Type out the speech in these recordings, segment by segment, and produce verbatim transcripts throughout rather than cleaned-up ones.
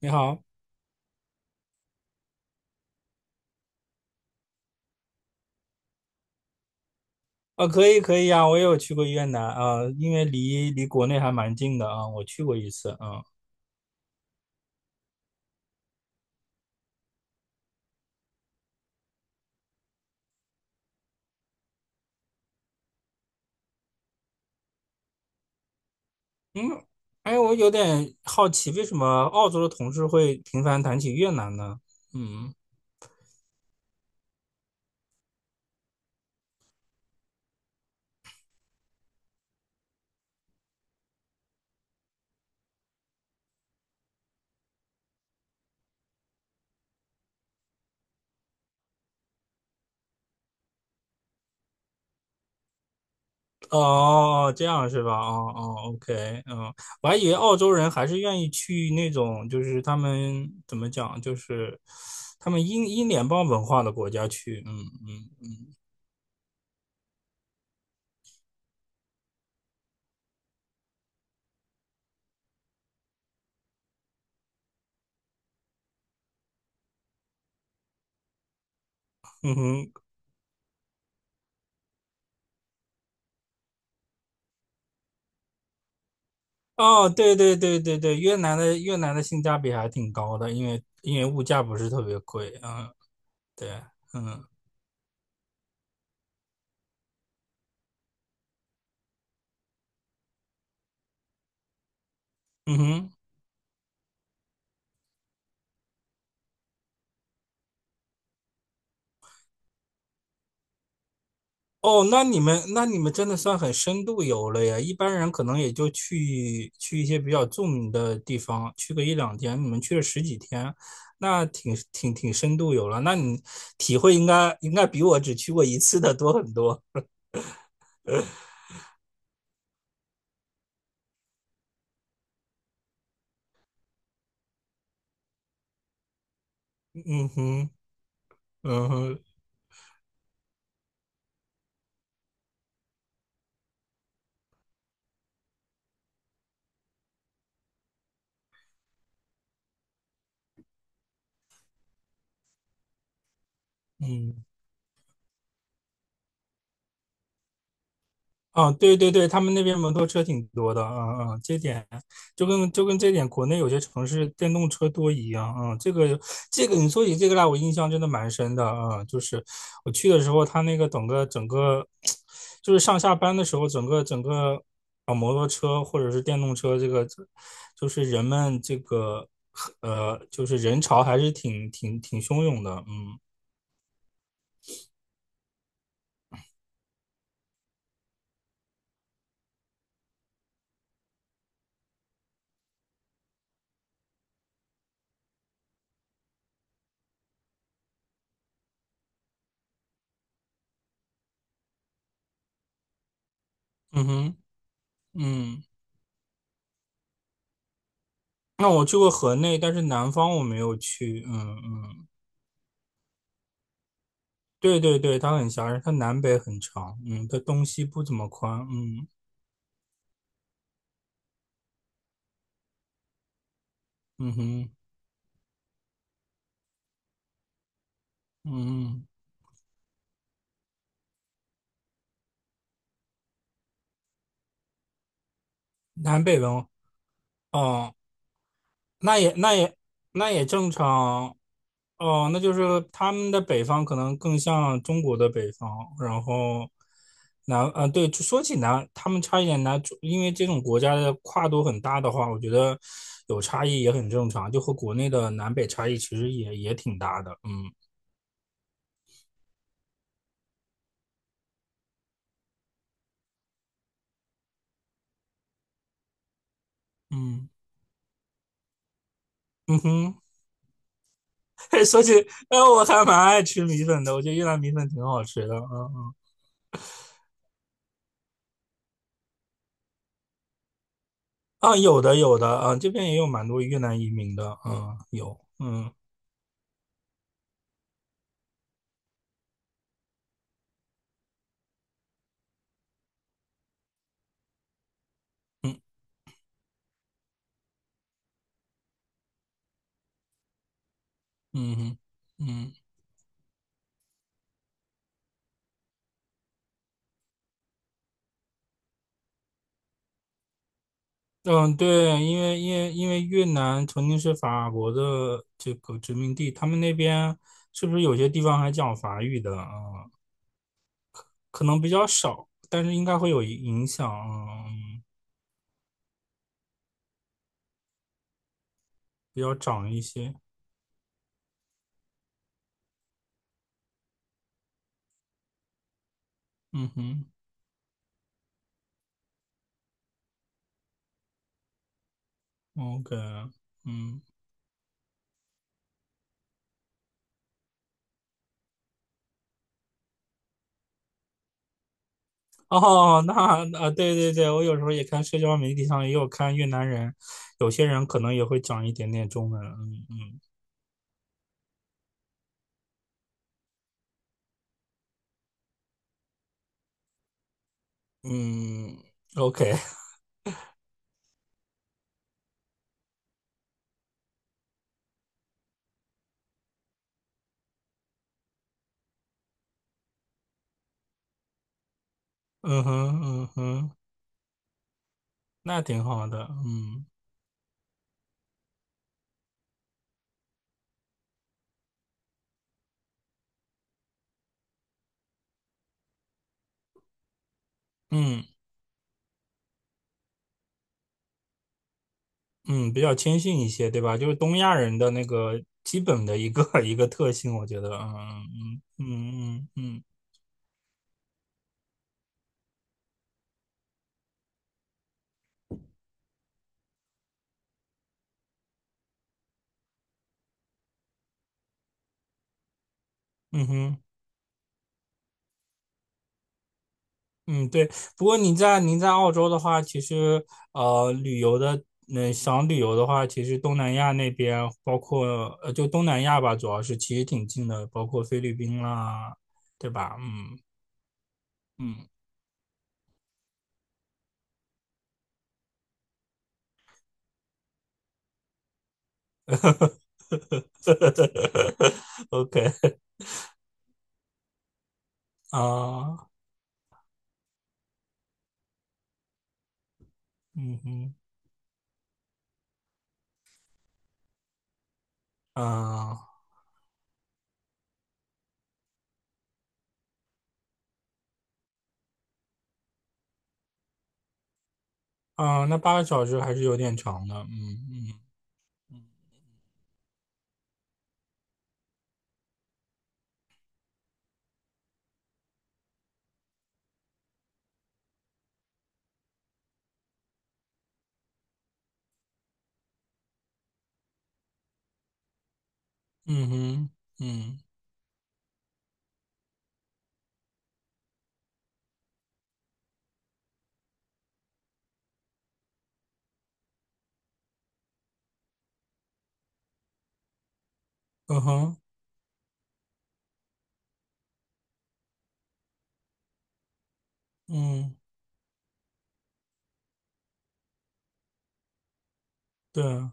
你好。啊，可以可以呀、我也有去过越南啊，因为离离国内还蛮近的啊，我去过一次啊。嗯。哎，我有点好奇，为什么澳洲的同事会频繁谈起越南呢？嗯。哦，这样是吧？哦哦，OK,嗯。我还以为澳洲人还是愿意去那种，就是他们怎么讲，就是他们英英联邦文化的国家去。嗯嗯嗯。嗯哼。哦，对对对对对，越南的越南的性价比还挺高的，因为因为物价不是特别贵，嗯。对。嗯。嗯哼。哦，那你们那你们真的算很深度游了呀，一般人可能也就去去一些比较著名的地方，去个一两天，你们去了十几天，那挺挺挺深度游了。那你体会应该应该比我只去过一次的多很多。嗯哼。嗯哼。嗯。啊，对对对，他们那边摩托车挺多的，啊啊，这点就跟就跟这点国内有些城市电动车多一样，嗯。这个这个你说起这个来，我印象真的蛮深的。啊，就是我去的时候，他那个整个整个就是上下班的时候，整个整个啊摩托车或者是电动车，这个就是人们这个呃，就是人潮还是挺挺挺汹涌的。嗯。嗯哼。嗯。那我去过河内，但是南方我没有去。嗯嗯。对对对，它很狭窄，它南北很长，嗯，它东西不怎么宽。嗯。嗯哼。嗯。南北文。哦，那也那也那也正常。哦，那就是他们的北方可能更像中国的北方，然后南，啊，对，就说起南，他们差一点南，因为这种国家的跨度很大的话，我觉得有差异也很正常，就和国内的南北差异其实也也挺大的。嗯嗯。嗯哼。说起，哎，我还蛮爱吃米粉的，我觉得越南米粉挺好吃的。嗯。嗯。啊，有的有的，啊，这边也有蛮多越南移民的，嗯，有。嗯。嗯哼。嗯。嗯。对，因为因为因为越南曾经是法国的这个殖民地，他们那边是不是有些地方还讲法语的啊？可能比较少，但是应该会有影响。嗯。比较长一些。嗯哼。OK。嗯。哦，那啊，对对对，我有时候也看社交媒体上也有看越南人，有些人可能也会讲一点点中文。嗯嗯。嗯。OK。嗯哼嗯哼。那挺好的。嗯嗯。嗯，比较谦逊一些，对吧？就是东亚人的那个基本的一个 一个特性，我觉得。嗯嗯嗯嗯嗯。嗯哼。嗯。对。不过您在您在澳洲的话，其实呃，旅游的，嗯、想旅游的话，其实东南亚那边，包括呃，就东南亚吧，主要是其实挺近的，包括菲律宾啦，对吧？嗯。嗯 ，OK 啊。嗯哼。啊啊，那八个小时还是有点长的。嗯。嗯。嗯哼。嗯。嗯哼。嗯，对啊。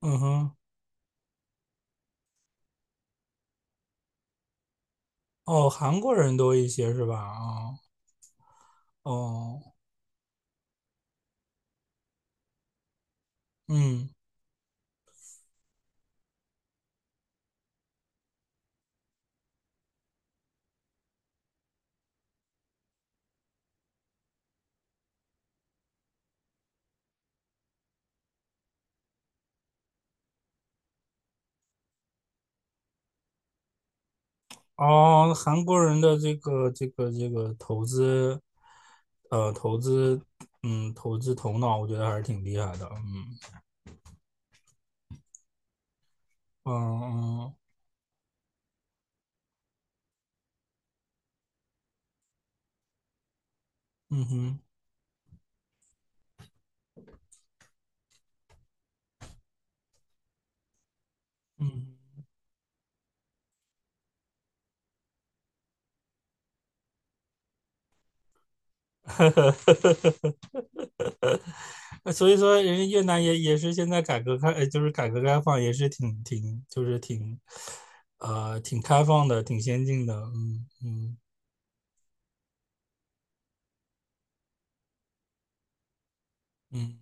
嗯哼。哦，韩国人多一些是吧？啊。哦。嗯。哦，韩国人的这个这个这个投资，呃，投资，嗯，投资头脑，我觉得还是挺厉害的。嗯。嗯。嗯。嗯哼。嗯。呃所以说，人家越南也也是现在改革开，呃就是改革开放也是挺挺，就是挺，呃，挺开放的，挺先进的。嗯嗯嗯。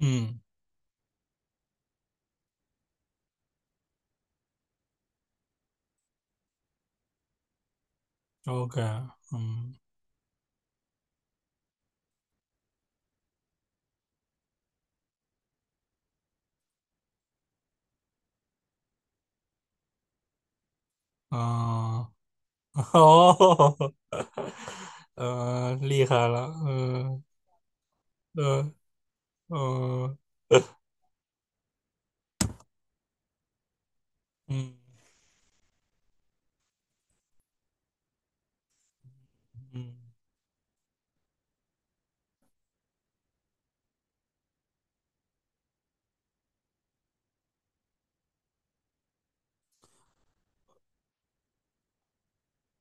嗯。OK。嗯啊。哦。呃，厉害了。嗯。嗯。嗯。嗯。嗯。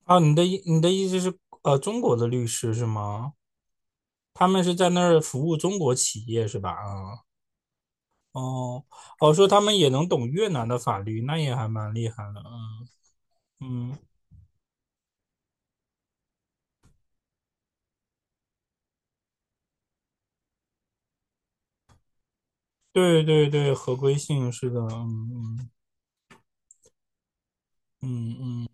啊，你的意你的意思是，呃，中国的律师是吗？他们是在那儿服务中国企业是吧？啊。哦。哦，说他们也能懂越南的法律，那也还蛮厉害的。嗯嗯。对对对，合规性是的。嗯。嗯嗯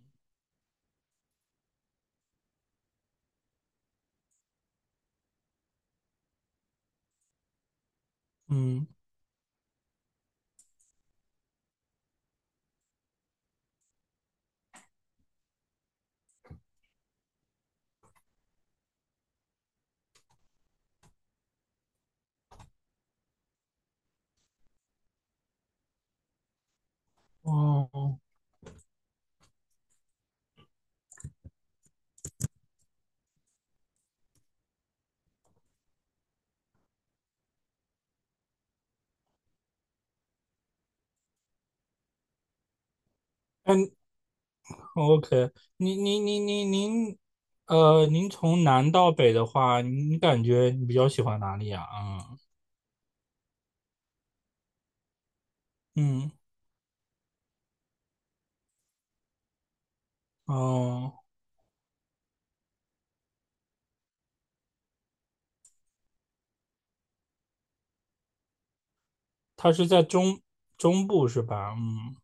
嗯。嗯，哦。嗯。OK。您您您您您，呃，您从南到北的话，您感觉你比较喜欢哪里啊？嗯。嗯。哦，它是在中中部是吧？嗯。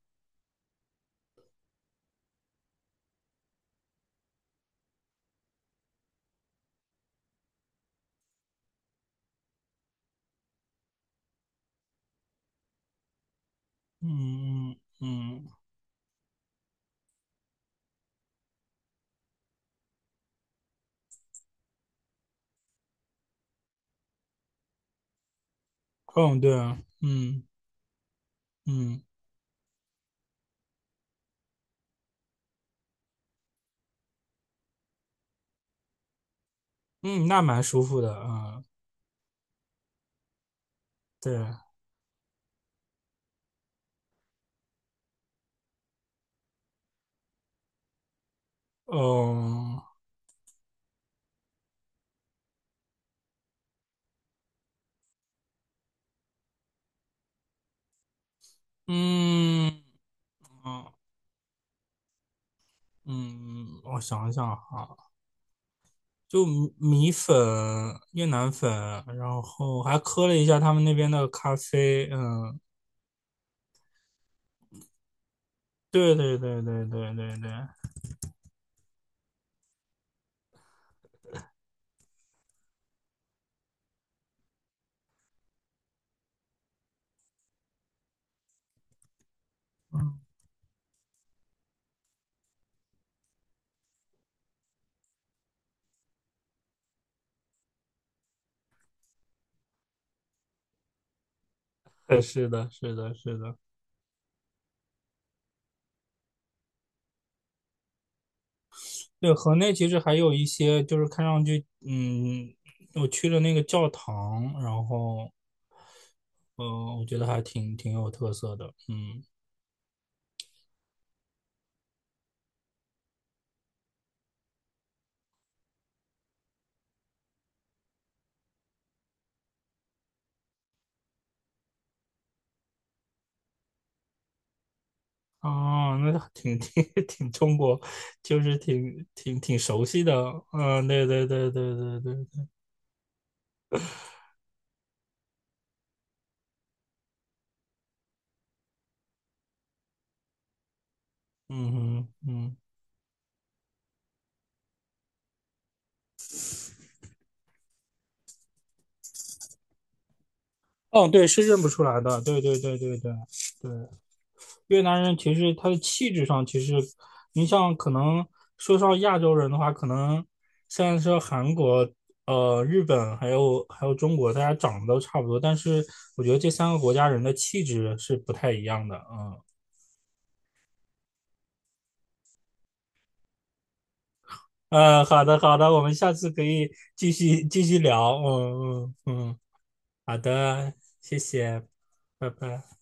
嗯嗯嗯。嗯，对啊。嗯。嗯。嗯。那蛮舒服的。嗯。对。哦。嗯。嗯。嗯，我想一想哈。就米米粉、越南粉，然后还喝了一下他们那边的咖啡。嗯。对对对对对对对。嗯。呃是的，是的，是的。对，河内其实还有一些，就是看上去，嗯，我去了那个教堂，然后，呃，我觉得还挺挺有特色的。嗯。哦，那还挺挺 挺中国，就是挺挺挺熟悉的。嗯。对对对对对对。嗯哼。嗯。哦，对，是认不出来的，对对对对对。对。越南人其实他的气质上，其实你像可能说上亚洲人的话，可能虽然说韩国、呃日本还有还有中国，大家长得都差不多，但是我觉得这三个国家人的气质是不太一样的。嗯。呃，好的，好的，我们下次可以继续继续聊。嗯嗯嗯。好的。谢谢。拜拜。